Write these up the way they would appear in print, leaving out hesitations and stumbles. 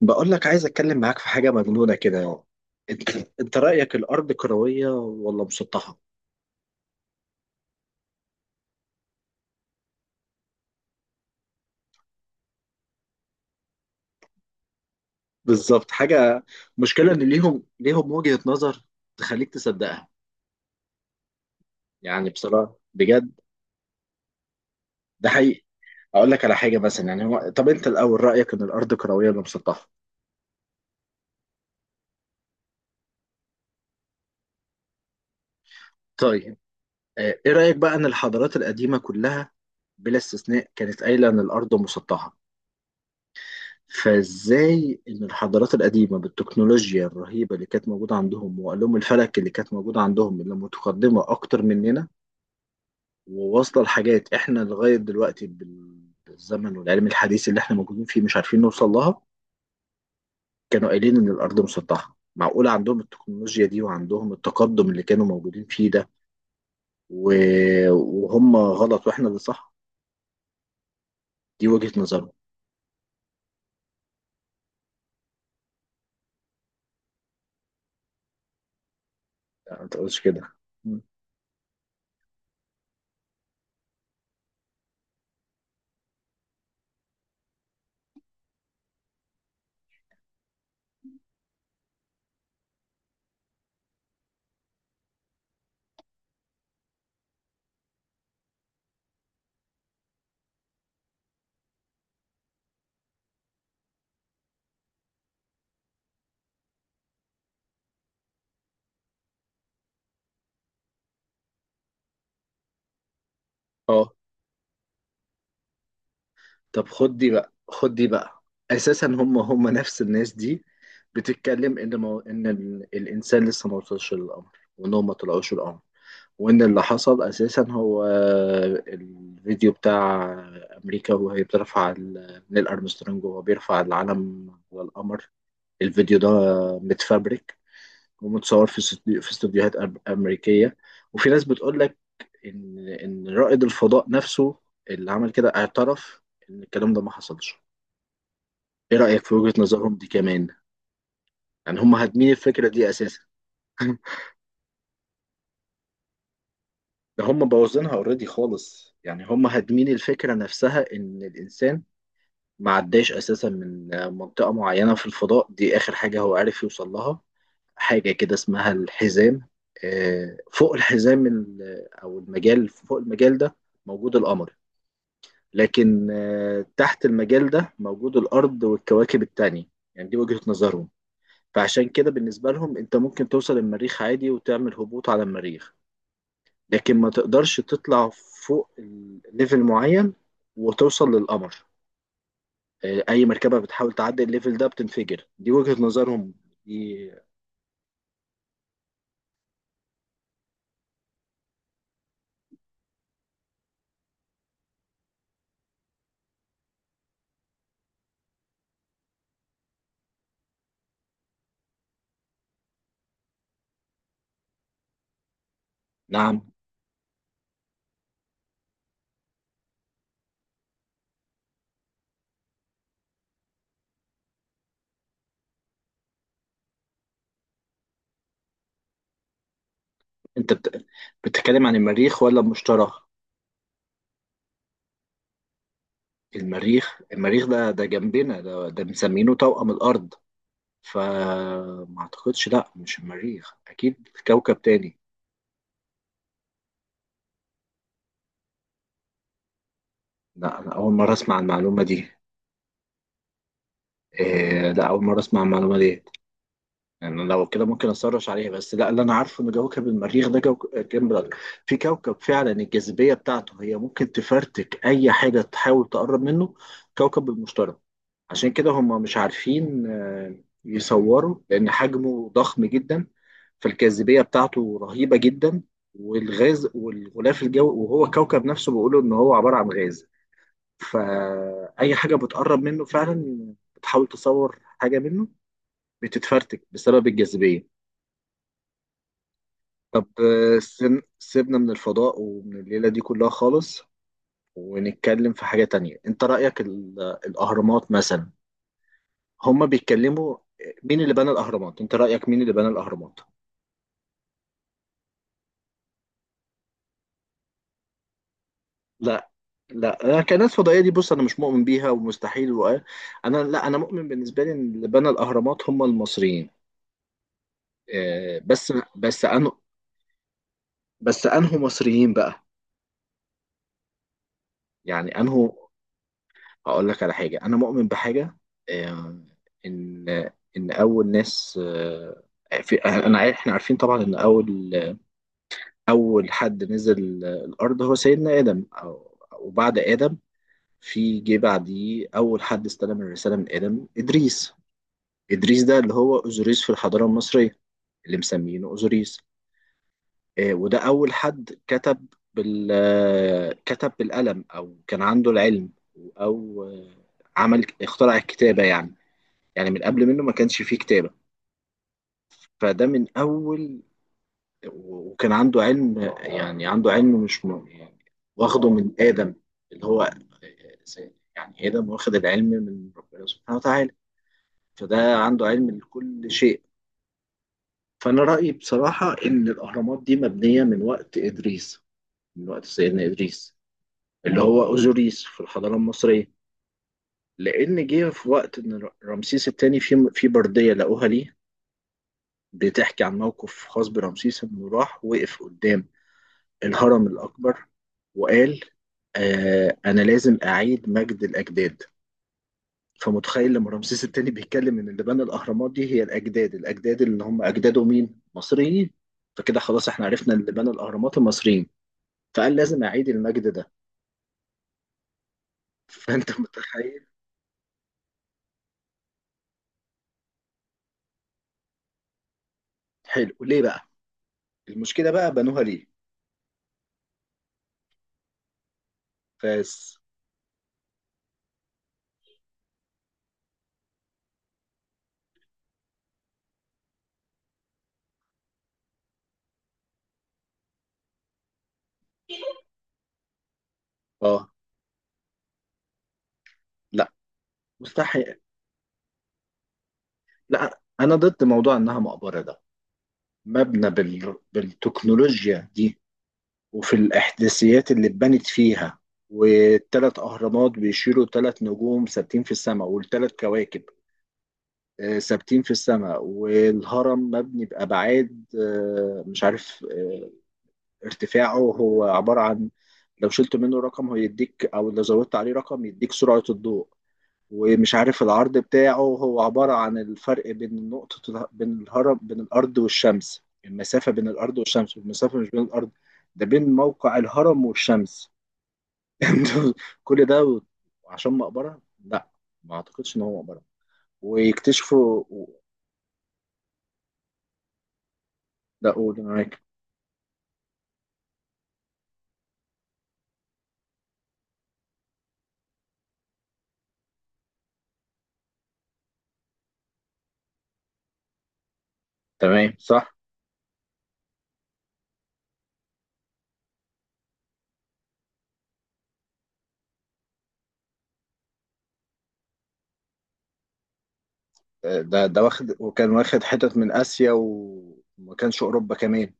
بقول لك عايز اتكلم معاك في حاجه مجنونه كده يعني. انت انت رايك الارض كرويه ولا مسطحه؟ بالظبط، حاجه. مشكله ان ليهم وجهه نظر تخليك تصدقها، يعني بصراحه بجد. ده حقيقي. اقول لك على حاجه مثلا، يعني هو طب انت الاول رايك ان الارض كرويه ولا مسطحه؟ طيب. ايه رايك بقى ان الحضارات القديمه كلها بلا استثناء كانت قايله ان الارض مسطحه؟ فازاي ان الحضارات القديمه بالتكنولوجيا الرهيبه اللي كانت موجوده عندهم، وعلوم الفلك اللي كانت موجوده عندهم اللي متقدمه اكتر مننا، وواصله لحاجات احنا لغايه دلوقتي بالزمن والعلم الحديث اللي احنا موجودين فيه مش عارفين نوصل لها، كانوا قايلين ان الارض مسطحه. معقول عندهم التكنولوجيا دي وعندهم التقدم اللي كانوا موجودين فيه ده، وهم غلط واحنا اللي صح؟ دي وجهه نظرهم. لا، ما تقولش كده. م. اه، طب خد دي بقى، خد دي بقى. اساسا هم نفس الناس دي بتتكلم ان ان الانسان لسه ما وصلش للقمر، وانهم ما طلعوش القمر، وان اللي حصل اساسا هو الفيديو بتاع امريكا وهي بترفع نيل ارمسترونج وهو بيرفع العلم على القمر. الفيديو ده متفبرك ومتصور في في استوديوهات امريكيه. وفي ناس بتقول لك ان رائد الفضاء نفسه اللي عمل كده اعترف ان الكلام ده ما حصلش. ايه رأيك في وجهة نظرهم دي كمان؟ يعني هم هادمين الفكرة دي اساسا. ده هم بوظينها اوريدي خالص، يعني هم هادمين الفكرة نفسها. ان الانسان ما عداش اساسا من منطقة معينة في الفضاء، دي اخر حاجة هو عارف يوصل لها. حاجة كده اسمها الحزام. فوق الحزام او المجال، فوق المجال ده موجود القمر، لكن تحت المجال ده موجود الارض والكواكب التانية. يعني دي وجهة نظرهم. فعشان كده بالنسبة لهم انت ممكن توصل المريخ عادي وتعمل هبوط على المريخ، لكن ما تقدرش تطلع فوق ليفل معين وتوصل للقمر. اي مركبة بتحاول تعدي الليفل ده بتنفجر. دي وجهة نظرهم دي. نعم. انت بتتكلم عن المريخ ولا المشتري؟ المريخ، المريخ ده ده جنبنا، ده ده مسمينه توأم الأرض. فما اعتقدش، لا مش المريخ، اكيد كوكب تاني. لا انا اول مرة اسمع المعلومة دي. إيه، لا أول مرة أسمع المعلومة دي. يعني لو كده ممكن أسرش عليها، بس لا اللي أنا عارفه إن كوكب المريخ ده جنب الأرض. في كوكب فعلا الجاذبية بتاعته هي ممكن تفرتك أي حاجة تحاول تقرب منه، كوكب المشتري. عشان كده هم مش عارفين يصوروا، لأن حجمه ضخم جدا، فالجاذبية بتاعته رهيبة جدا. والغاز والغلاف الجوي، وهو كوكب نفسه بيقولوا إن هو عبارة عن غاز. فأي حاجة بتقرب منه فعلا بتحاول تصور حاجة منه بتتفرتك بسبب الجاذبية. طب سيبنا من الفضاء ومن الليلة دي كلها خالص، ونتكلم في حاجة تانية. انت رأيك الأهرامات مثلا، هما بيتكلموا مين اللي بنى الأهرامات، انت رأيك مين اللي بنى الأهرامات؟ لا، لا انا كناس فضائيه دي، بص انا مش مؤمن بيها ومستحيل، وقال. انا لا، انا مؤمن بالنسبه لي ان اللي بنى الاهرامات هم المصريين، بس انه. بس انه مصريين بقى، يعني انه. هقول لك على حاجة، أنا مؤمن بحاجة، آه، إن أول ناس في، أنا عارف، إحنا عارفين طبعا إن أول حد نزل الأرض هو سيدنا آدم، أو وبعد آدم في جه بعديه أول حد استلم الرسالة من آدم إدريس. إدريس ده اللي هو أوزوريس في الحضارة المصرية، اللي مسمينه أوزوريس. وده أول حد كتب بال آه، كتب بالقلم، أو كان عنده العلم، أو آه، عمل اخترع الكتابة يعني. يعني من قبل منه ما كانش فيه كتابة، فده من أول. وكان عنده علم، يعني عنده علم مش يعني، واخده من آدم اللي هو، يعني آدم واخد العلم من ربنا سبحانه وتعالى، فده عنده علم لكل شيء. فأنا رأيي بصراحة إن الأهرامات دي مبنية من وقت إدريس، من وقت سيدنا إدريس اللي هو أوزوريس في الحضارة المصرية. لأن جه في وقت إن رمسيس الثاني، في بردية لقوها ليه بتحكي عن موقف خاص برمسيس انه راح وقف قدام الهرم الاكبر وقال: آه انا لازم اعيد مجد الاجداد. فمتخيل لما رمسيس التاني بيتكلم ان اللي بنى الاهرامات دي هي الاجداد، الاجداد اللي هم اجداده مين؟ مصريين. فكده خلاص احنا عرفنا اللي بنى الاهرامات المصريين. فقال لازم اعيد المجد ده. فانت متخيل. حلو، ليه بقى؟ المشكله بقى بنوها ليه؟ فاس. اه، لا مستحيل. لا انا ضد موضوع انها مقبره ده. مبنى بالتكنولوجيا دي، وفي الإحداثيات اللي اتبنت فيها، والتلات أهرامات بيشيلوا تلات نجوم ثابتين في السماء والتلات كواكب ثابتين في السماء. والهرم مبني بأبعاد، مش عارف، ارتفاعه هو عبارة عن لو شلت منه رقم هو يديك، أو لو زودت عليه رقم يديك سرعة الضوء. ومش عارف العرض بتاعه هو عبارة عن الفرق بين نقطة بين الهرم، بين الأرض والشمس، المسافة بين الأرض والشمس، والمسافة مش بين الأرض، ده بين موقع الهرم والشمس. كل ده عشان مقبرة؟ لا، ما أعتقدش إن هو مقبرة، ويكتشفوا لا قول، أنا معاك. تمام، صح. ده واخد، وكان واخد حتت من آسيا، وما كانش أوروبا كمان.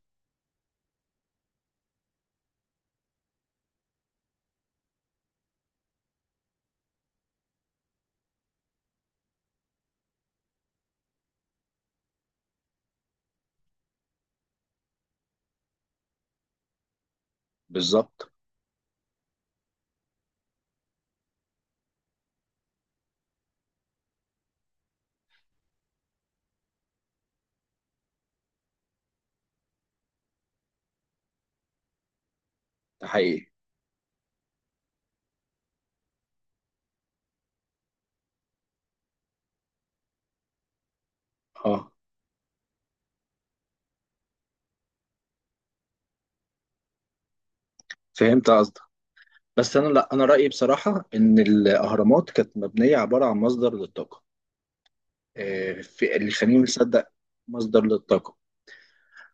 بالظبط. ده حقيقي. اه، فهمت. بس انا لا، انا رايي بصراحه ان الاهرامات كانت مبنيه عباره عن مصدر للطاقه. في اللي يخليني مصدق. مصدر للطاقه.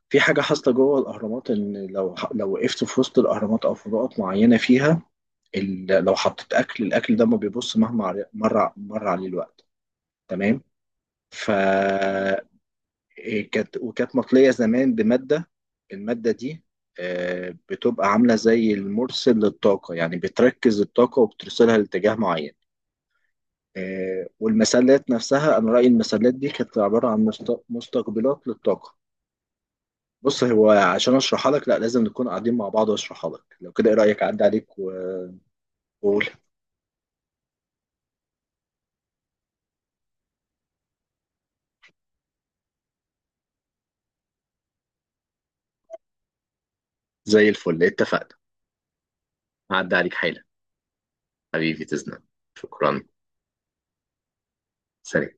في حاجه حاصله جوه الاهرامات ان لو وقفت في وسط الاهرامات او في نقط معينه فيها، لو حطيت اكل، الاكل ده ما بيبص مهما مر عليه الوقت. تمام. ف، إيه كانت، وكانت مطليه زمان بماده، الماده دي بتبقى عامله زي المرسل للطاقه، يعني بتركز الطاقه وبترسلها لاتجاه معين. والمسلات نفسها، انا رايي المسلات دي كانت عباره عن مستقبلات للطاقه. بص هو عشان اشرحها لك لا، لازم نكون قاعدين مع بعض واشرحها لك. لو كده ايه رايك اعدي عليك؟ وقول. زي الفل، اتفقنا. هعدي عليك حالا. حبيبي تسلم. شكرا. سلام.